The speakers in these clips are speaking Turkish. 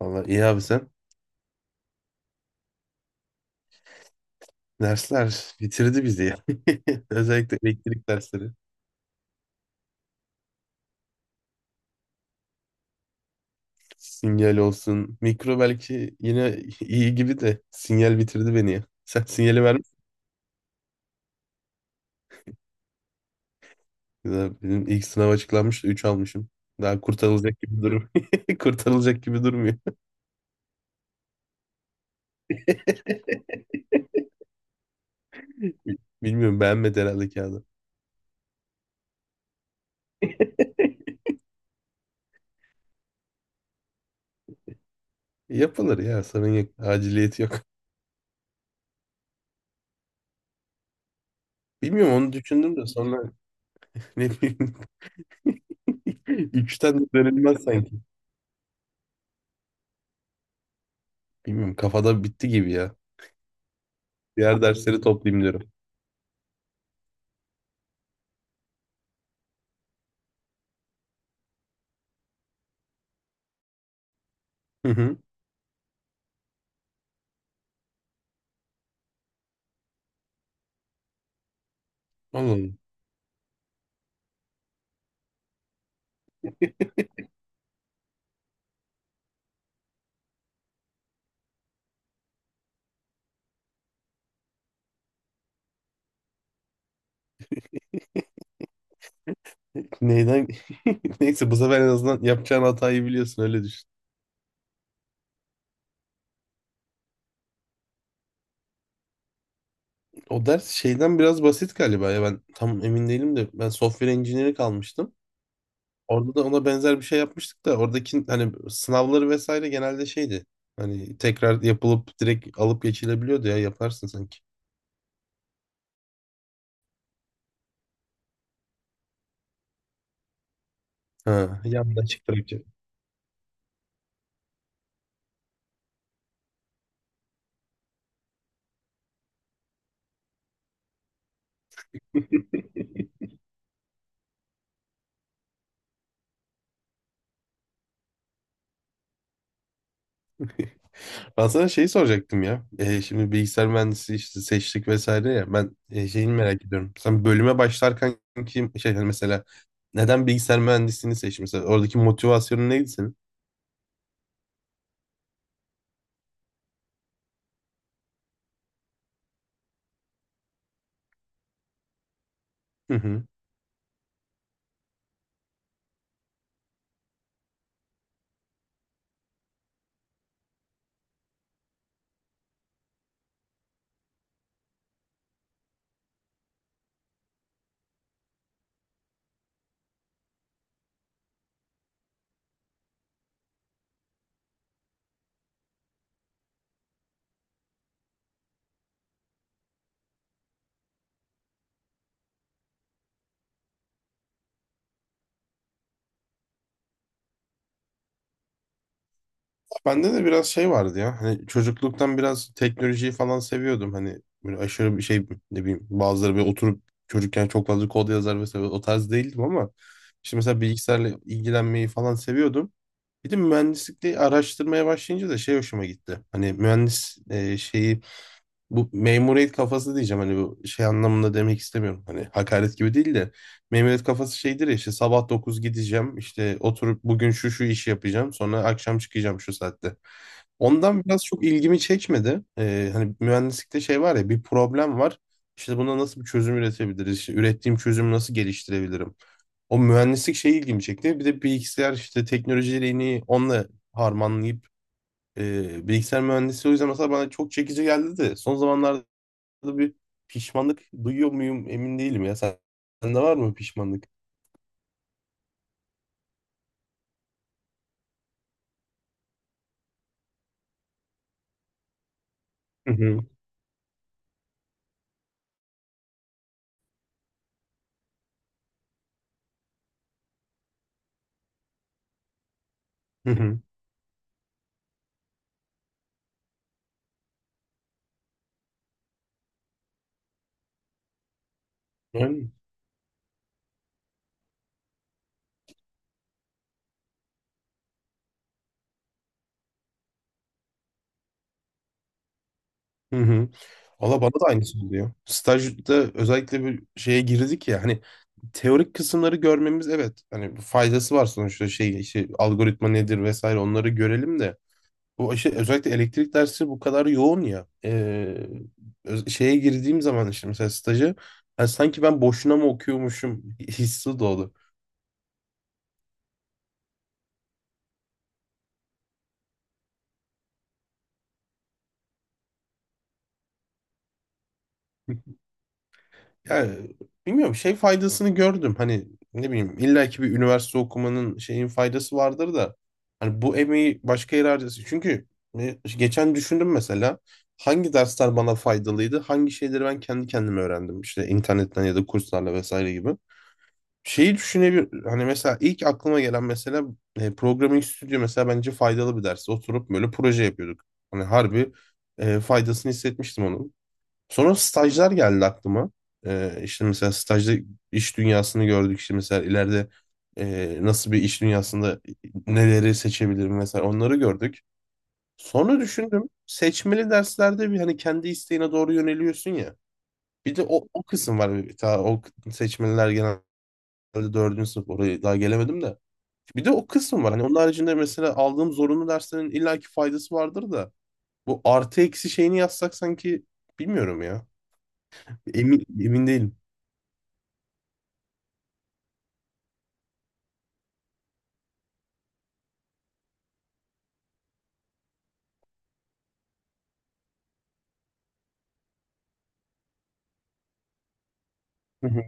Valla iyi abi sen. Dersler bitirdi bizi ya. Özellikle elektrik dersleri. Sinyal olsun. Mikro belki yine iyi gibi de sinyal bitirdi beni ya. Sen sinyali vermişsin. Benim ilk sınav açıklanmıştı. Üç almışım. Daha kurtarılacak gibi durum. Kurtarılacak gibi durmuyor. Bilmiyorum, beğenmedi herhalde kağıdı. Yapılır ya, sorun yok. Aciliyeti yok. Bilmiyorum, onu düşündüm de sonra ne bileyim. Üçten de dönülmez sanki. Bilmiyorum, kafada bitti gibi ya. Diğer dersleri toplayayım diyorum. Anladım. Neyden? Neyse, bu sefer en azından yapacağın hatayı biliyorsun, öyle düşün. O ders şeyden biraz basit galiba ya, ben tam emin değilim de, ben software engineering almıştım. Orada da ona benzer bir şey yapmıştık da, oradaki hani sınavları vesaire genelde şeydi. Hani tekrar yapılıp direkt alıp geçilebiliyordu ya, yaparsın sanki. Ha, yandan çıktı. Ben sana şeyi soracaktım ya. Şimdi bilgisayar mühendisliği işte seçtik vesaire ya. Ben şeyini merak ediyorum. Sen bölüme başlarken kim şey hani mesela neden bilgisayar mühendisliğini seçtin? Mesela oradaki motivasyonun neydi senin? Hı hı. Bende de biraz şey vardı ya. Hani çocukluktan biraz teknolojiyi falan seviyordum. Hani böyle aşırı bir şey, ne bileyim, bazıları böyle oturup çocukken çok fazla kod yazar vesaire, o tarz değildim ama işte mesela bilgisayarla ilgilenmeyi falan seviyordum. Bir de mühendislikte araştırmaya başlayınca da şey hoşuma gitti. Hani mühendis şeyi, bu memuriyet kafası diyeceğim, hani bu şey anlamında demek istemiyorum. Hani hakaret gibi değil de, memuriyet kafası şeydir ya, işte sabah 9 gideceğim, işte oturup bugün şu şu işi yapacağım, sonra akşam çıkacağım şu saatte. Ondan biraz çok ilgimi çekmedi. Hani mühendislikte şey var ya, bir problem var. İşte buna nasıl bir çözüm üretebiliriz? İşte ürettiğim çözümü nasıl geliştirebilirim? O mühendislik şey ilgimi çekti. Bir de bilgisayar işte teknolojilerini onunla harmanlayıp bilgisayar mühendisliği o yüzden mesela bana çok çekici geldi de, son zamanlarda bir pişmanlık duyuyor muyum emin değilim ya. Sen, sende var mı pişmanlık? Hı hı. Hı hı. Yani. Hı hı. Valla bana da aynısı oluyor. Stajda özellikle bir şeye girdik ya, hani teorik kısımları görmemiz, evet hani faydası var sonuçta, şey işte algoritma nedir vesaire, onları görelim de bu işte özellikle elektrik dersi bu kadar yoğun ya. Öz- şeye girdiğim zaman işte mesela stajı, yani sanki ben boşuna mı okuyormuşum hissi doğdu. Ya bilmiyorum, şey faydasını gördüm. Hani ne bileyim, illa ki bir üniversite okumanın şeyin faydası vardır da. Hani bu emeği başka yere harcası. Çünkü geçen düşündüm mesela hangi dersler bana faydalıydı? Hangi şeyleri ben kendi kendime öğrendim işte internetten ya da kurslarla vesaire gibi. Şeyi düşünebilir, hani mesela ilk aklıma gelen mesela Programming Studio mesela bence faydalı bir ders. Oturup böyle proje yapıyorduk. Hani harbi faydasını hissetmiştim onu. Sonra stajlar geldi aklıma. İşte mesela stajda iş dünyasını gördük. İşte mesela ileride nasıl bir iş dünyasında neleri seçebilirim, mesela onları gördük. Sonra düşündüm, seçmeli derslerde bir hani kendi isteğine doğru yöneliyorsun ya. Bir de o, o kısım var. Bir- Ta, o k- seçmeliler genelde dördüncü sınıf, oraya daha gelemedim de. Bir de o kısım var. Hani onun haricinde mesela aldığım zorunlu derslerin illaki faydası vardır da. Bu artı eksi şeyini yazsak sanki, bilmiyorum ya. Emin değilim. Hı hı.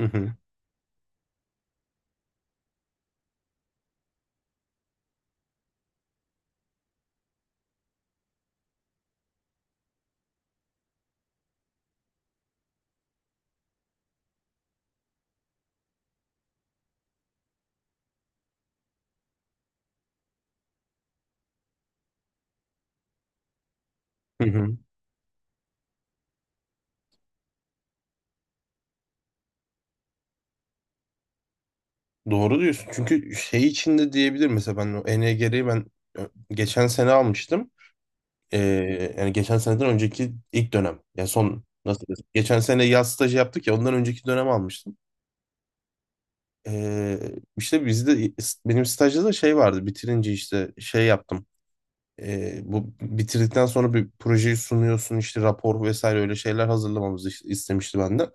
Hı hı. Hı hı. Doğru diyorsun. Çünkü şey içinde diyebilir mesela, ben o ENGR'yi ö- geçen sene almıştım. Yani geçen seneden önceki ilk dönem. Ya son, nasıl desem. Geçen sene yaz stajı yaptık ya, ondan önceki dönem almıştım. Ee, işte bizde, benim stajda da şey vardı. Bitirince işte şey yaptım. Bu bitirdikten sonra bir projeyi sunuyorsun işte, rapor vesaire öyle şeyler hazırlamamızı işte istemişti benden.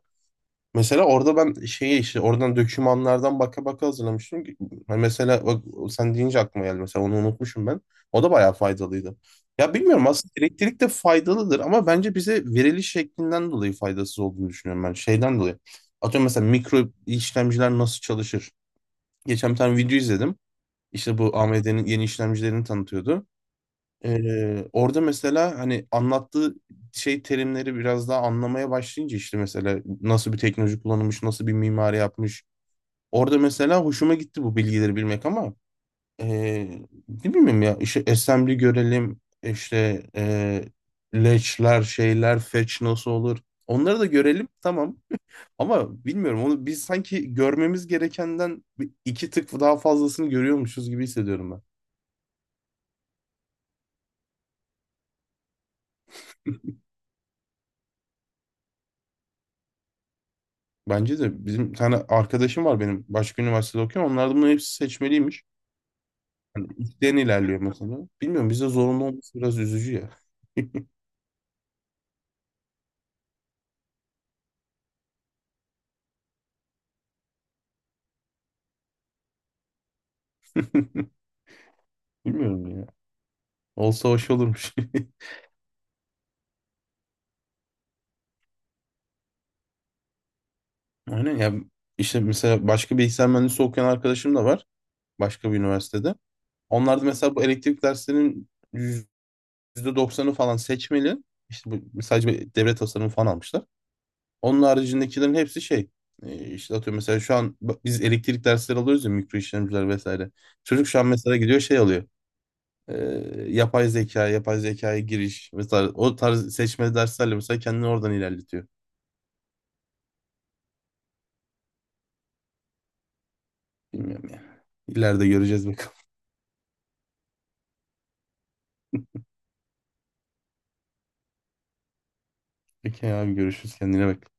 Mesela orada ben şeyi işte oradan dokümanlardan baka baka hazırlamıştım. Ha, mesela bak, sen deyince aklıma geldi. Mesela onu unutmuşum ben. O da bayağı faydalıydı. Ya bilmiyorum, aslında elektrik de faydalıdır ama bence bize veriliş şeklinden dolayı faydasız olduğunu düşünüyorum ben. Şeyden dolayı. Atıyorum mesela mikro işlemciler nasıl çalışır? Geçen bir tane video izledim. İşte bu AMD'nin yeni işlemcilerini tanıtıyordu. Orada mesela hani anlattığı şey terimleri biraz daha anlamaya başlayınca, işte mesela nasıl bir teknoloji kullanılmış, nasıl bir mimari yapmış. Orada mesela hoşuma gitti bu bilgileri bilmek ama ee, ne bileyim ya, işte assembly görelim, işte leçler şeyler fetch nasıl olur, onları da görelim tamam, ama bilmiyorum, onu biz sanki görmemiz gerekenden bir- iki tık daha fazlasını görüyormuşuz gibi hissediyorum. Bence de bizim bir tane arkadaşım var benim, başka üniversitede okuyor. Onlardan bunların hepsi seçmeliymiş. Den ilerliyor mesela. Bilmiyorum, bizde zorunlu olması biraz üzücü ya. Bilmiyorum ya. Olsa hoş olurmuş. Aynen ya, işte mesela başka bilgisayar mühendisi okuyan arkadaşım da var. Başka bir üniversitede. Onlar mesela bu elektrik derslerinin yüzde doksanı falan seçmeli. İşte bu sadece bir devre tasarımı falan almışlar. Onun haricindekilerin hepsi şey. İşte atıyorum mesela şu an bak biz elektrik dersleri alıyoruz ya, mikro işlemciler vesaire. Çocuk şu an mesela gidiyor şey alıyor. E, Yapay zeka, yapay zekaya giriş, mesela o tarz seçmeli derslerle mesela kendini oradan ilerletiyor. Bilmiyorum ya. İleride göreceğiz bakalım. Peki abi, görüşürüz, kendine bak.